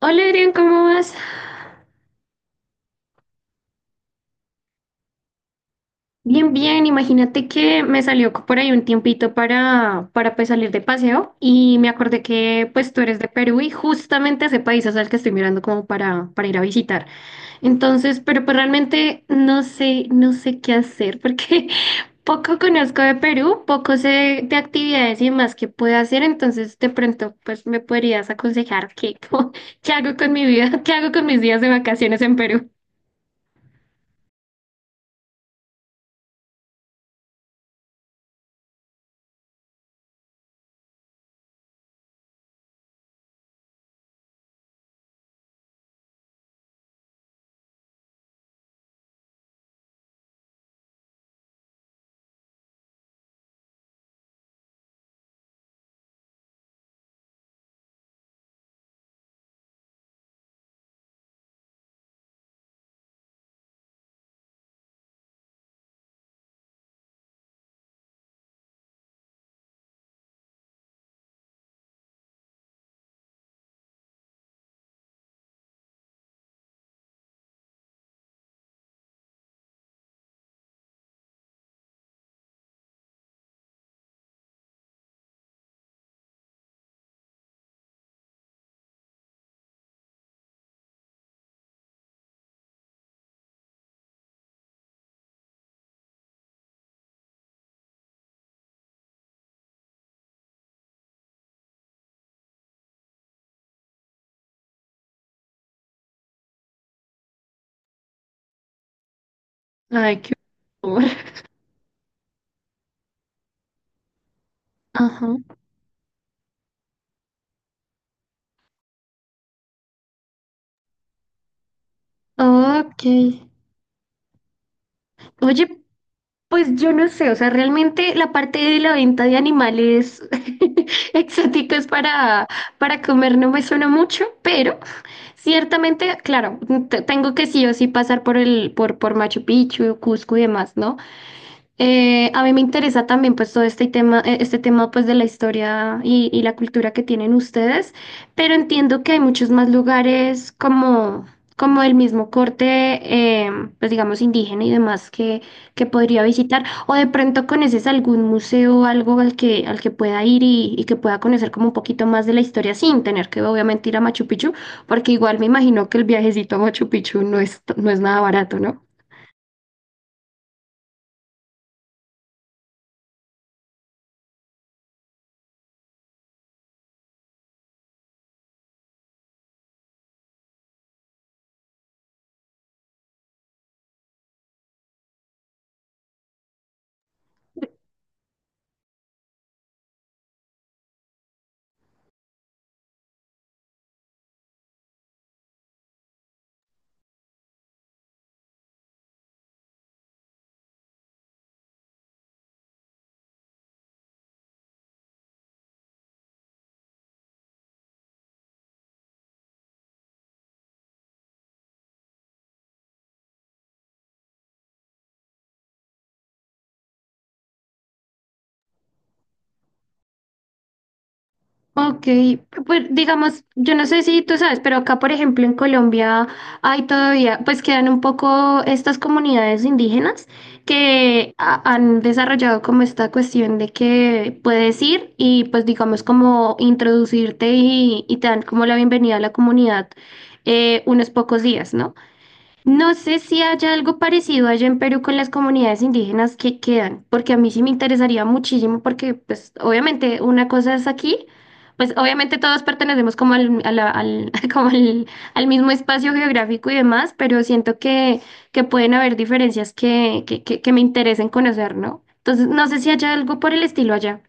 Hola Adrián, ¿cómo vas? Bien, bien. Imagínate que me salió por ahí un tiempito para pues salir de paseo y me acordé que pues tú eres de Perú y justamente ese país es el que estoy mirando como para ir a visitar. Entonces, pero pues realmente no sé qué hacer porque poco conozco de Perú, poco sé de actividades y más que puedo hacer. Entonces, de pronto pues me podrías aconsejar qué, qué hago con mi vida, qué hago con mis días de vacaciones en Perú. Ay, qué horror. Ajá. Ah, ok. Oye, pues yo no sé, o sea, realmente la parte de la venta de animales exóticos para comer no me suena mucho, pero ciertamente, claro, tengo que sí o sí pasar por por Machu Picchu, Cusco y demás, ¿no? A mí me interesa también pues todo este tema pues de la historia y la cultura que tienen ustedes, pero entiendo que hay muchos más lugares como el mismo corte, eh, pues digamos indígena y demás que podría visitar, o de pronto conoces algún museo o algo al al que pueda ir y que pueda conocer como un poquito más de la historia sin tener que obviamente ir a Machu Picchu, porque igual me imagino que el viajecito a Machu Picchu no es nada barato, ¿no? Ok, pues digamos, yo no sé si tú sabes, pero acá, por ejemplo, en Colombia hay todavía, pues quedan un poco estas comunidades indígenas que han desarrollado como esta cuestión de que puedes ir y pues digamos como introducirte y te dan como la bienvenida a la comunidad, unos pocos días, ¿no? No sé si haya algo parecido allá en Perú con las comunidades indígenas que quedan, porque a mí sí me interesaría muchísimo, porque pues obviamente una cosa es aquí, pues obviamente todos pertenecemos como al, a la- al, al mismo espacio geográfico y demás, pero siento que pueden haber diferencias que me interesen conocer, ¿no? Entonces, no sé si haya algo por el estilo allá.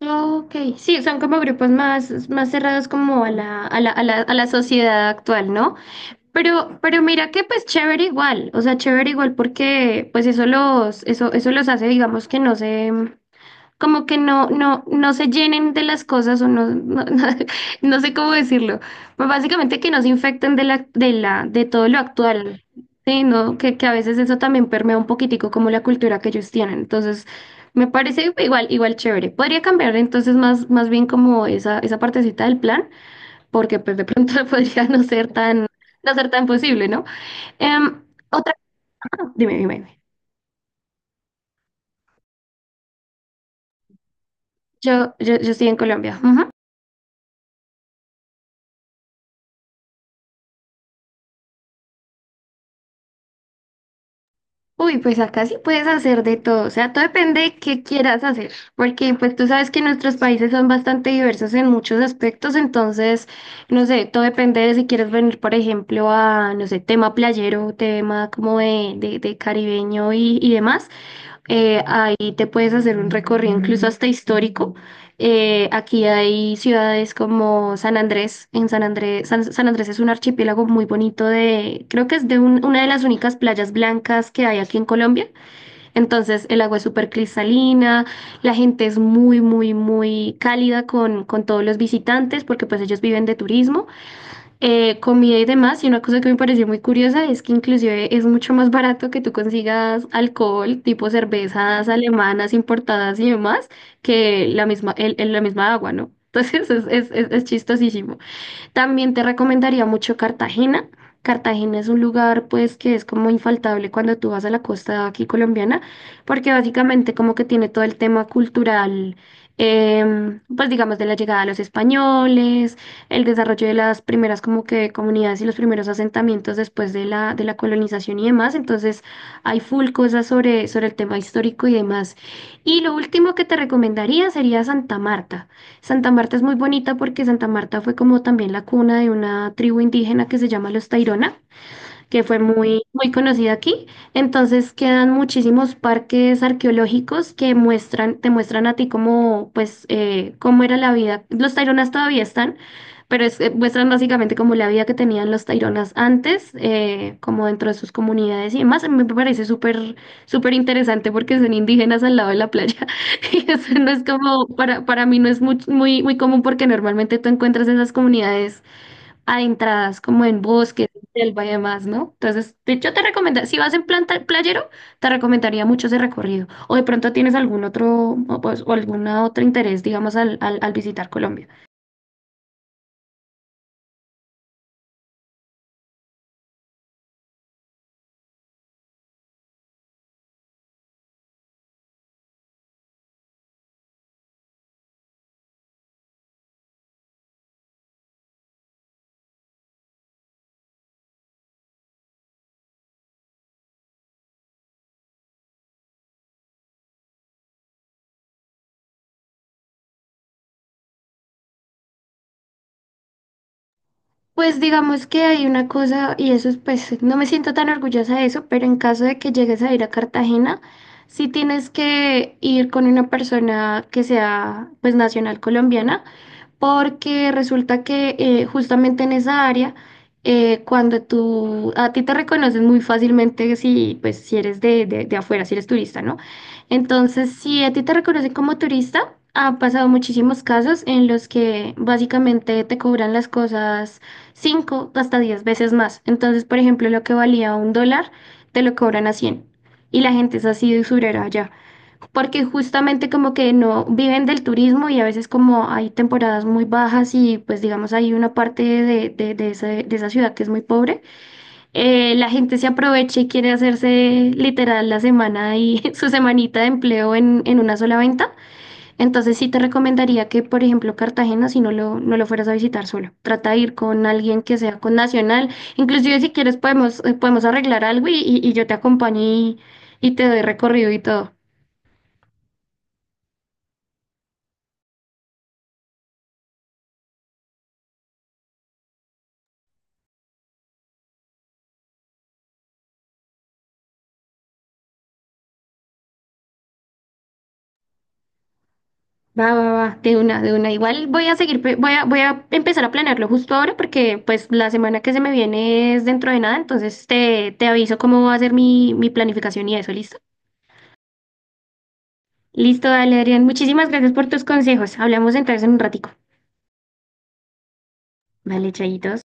Ok, sí, son como grupos más, más cerrados como a a la sociedad actual, ¿no? Pero mira que pues chévere igual, o sea, chévere igual porque pues eso los hace, digamos que no se, como que no se llenen de las cosas o no, no sé cómo decirlo, pues básicamente que no se infecten de de todo lo actual, sí, no, que a veces eso también permea un poquitico como la cultura que ellos tienen, entonces me parece igual, igual chévere. Podría cambiar entonces más, más bien como esa partecita del plan porque pues de pronto podría no ser tan, no ser tan posible, ¿no? Em, otra, ah, dime, dime, dime. Yo estoy en Colombia. Ujú. Uy, pues acá sí puedes hacer de todo, o sea, todo depende de qué quieras hacer, porque pues tú sabes que nuestros países son bastante diversos en muchos aspectos, entonces, no sé, todo depende de si quieres venir, por ejemplo, a, no sé, tema playero, tema como de caribeño y demás, ahí te puedes hacer un recorrido incluso hasta histórico. Aquí hay ciudades como San Andrés. En San Andrés, San Andrés es un archipiélago muy bonito de, creo que es de una de las únicas playas blancas que hay aquí en Colombia. Entonces el agua es súper cristalina, la gente es muy, muy, muy cálida con todos los visitantes porque pues ellos viven de turismo, comida y demás. Y una cosa que me pareció muy curiosa es que inclusive es mucho más barato que tú consigas alcohol, tipo cervezas alemanas importadas y demás, que la misma, la misma agua, ¿no? Entonces es chistosísimo. También te recomendaría mucho Cartagena. Cartagena es un lugar pues que es como infaltable cuando tú vas a la costa aquí colombiana, porque básicamente como que tiene todo el tema cultural, em, pues digamos de la llegada de los españoles, el desarrollo de las primeras como que comunidades y los primeros asentamientos después de de la colonización y demás. Entonces hay full cosas sobre el tema histórico y demás. Y lo último que te recomendaría sería Santa Marta. Santa Marta es muy bonita porque Santa Marta fue como también la cuna de una tribu indígena que se llama los Tairona, que fue muy, muy conocida aquí. Entonces quedan muchísimos parques arqueológicos que muestran, te muestran a ti cómo, pues, cómo era la vida. Los Taironas todavía están, pero muestran básicamente como la vida que tenían los Taironas antes, como dentro de sus comunidades y demás. Me parece súper, súper interesante porque son indígenas al lado de la playa. Y eso no es como, para mí no es muy, muy, muy común porque normalmente tú encuentras esas comunidades adentradas como en bosques, selva y demás, ¿no? Entonces, yo te recomendaría, si vas en plan playero, te recomendaría mucho ese recorrido. O de pronto tienes algún otro, o, pues, o algún otro interés, digamos, al visitar Colombia. Pues digamos que hay una cosa, y eso es, pues, no me siento tan orgullosa de eso, pero en caso de que llegues a ir a Cartagena, sí tienes que ir con una persona que sea, pues, nacional colombiana, porque resulta que justamente en esa área, cuando tú, a ti te reconocen muy fácilmente si, pues, si eres de afuera, si eres turista, ¿no? Entonces, si a ti te reconocen como turista, ha pasado muchísimos casos en los que básicamente te cobran las cosas 5 hasta 10 veces más. Entonces, por ejemplo, lo que valía un dólar, te lo cobran a cien. Y la gente es así de usurera allá porque justamente como que no viven del turismo y a veces como hay temporadas muy bajas y pues digamos hay una parte de esa ciudad que es muy pobre, la gente se aprovecha y quiere hacerse literal la semana y su semanita de empleo en una sola venta. Entonces sí te recomendaría que, por ejemplo, Cartagena, si no lo fueras a visitar solo, trata de ir con alguien que sea con Nacional. Inclusive si quieres podemos, podemos arreglar algo y yo te acompaño y te doy recorrido y todo. Va, va, va, de una, de una. Igual voy a seguir, voy a, voy a empezar a planearlo justo ahora porque pues la semana que se me viene es dentro de nada, entonces te aviso cómo va a ser mi, mi planificación y eso, ¿listo? Listo, dale, Adrián. Muchísimas gracias por tus consejos. Hablamos entonces en un ratico. Vale, chayitos.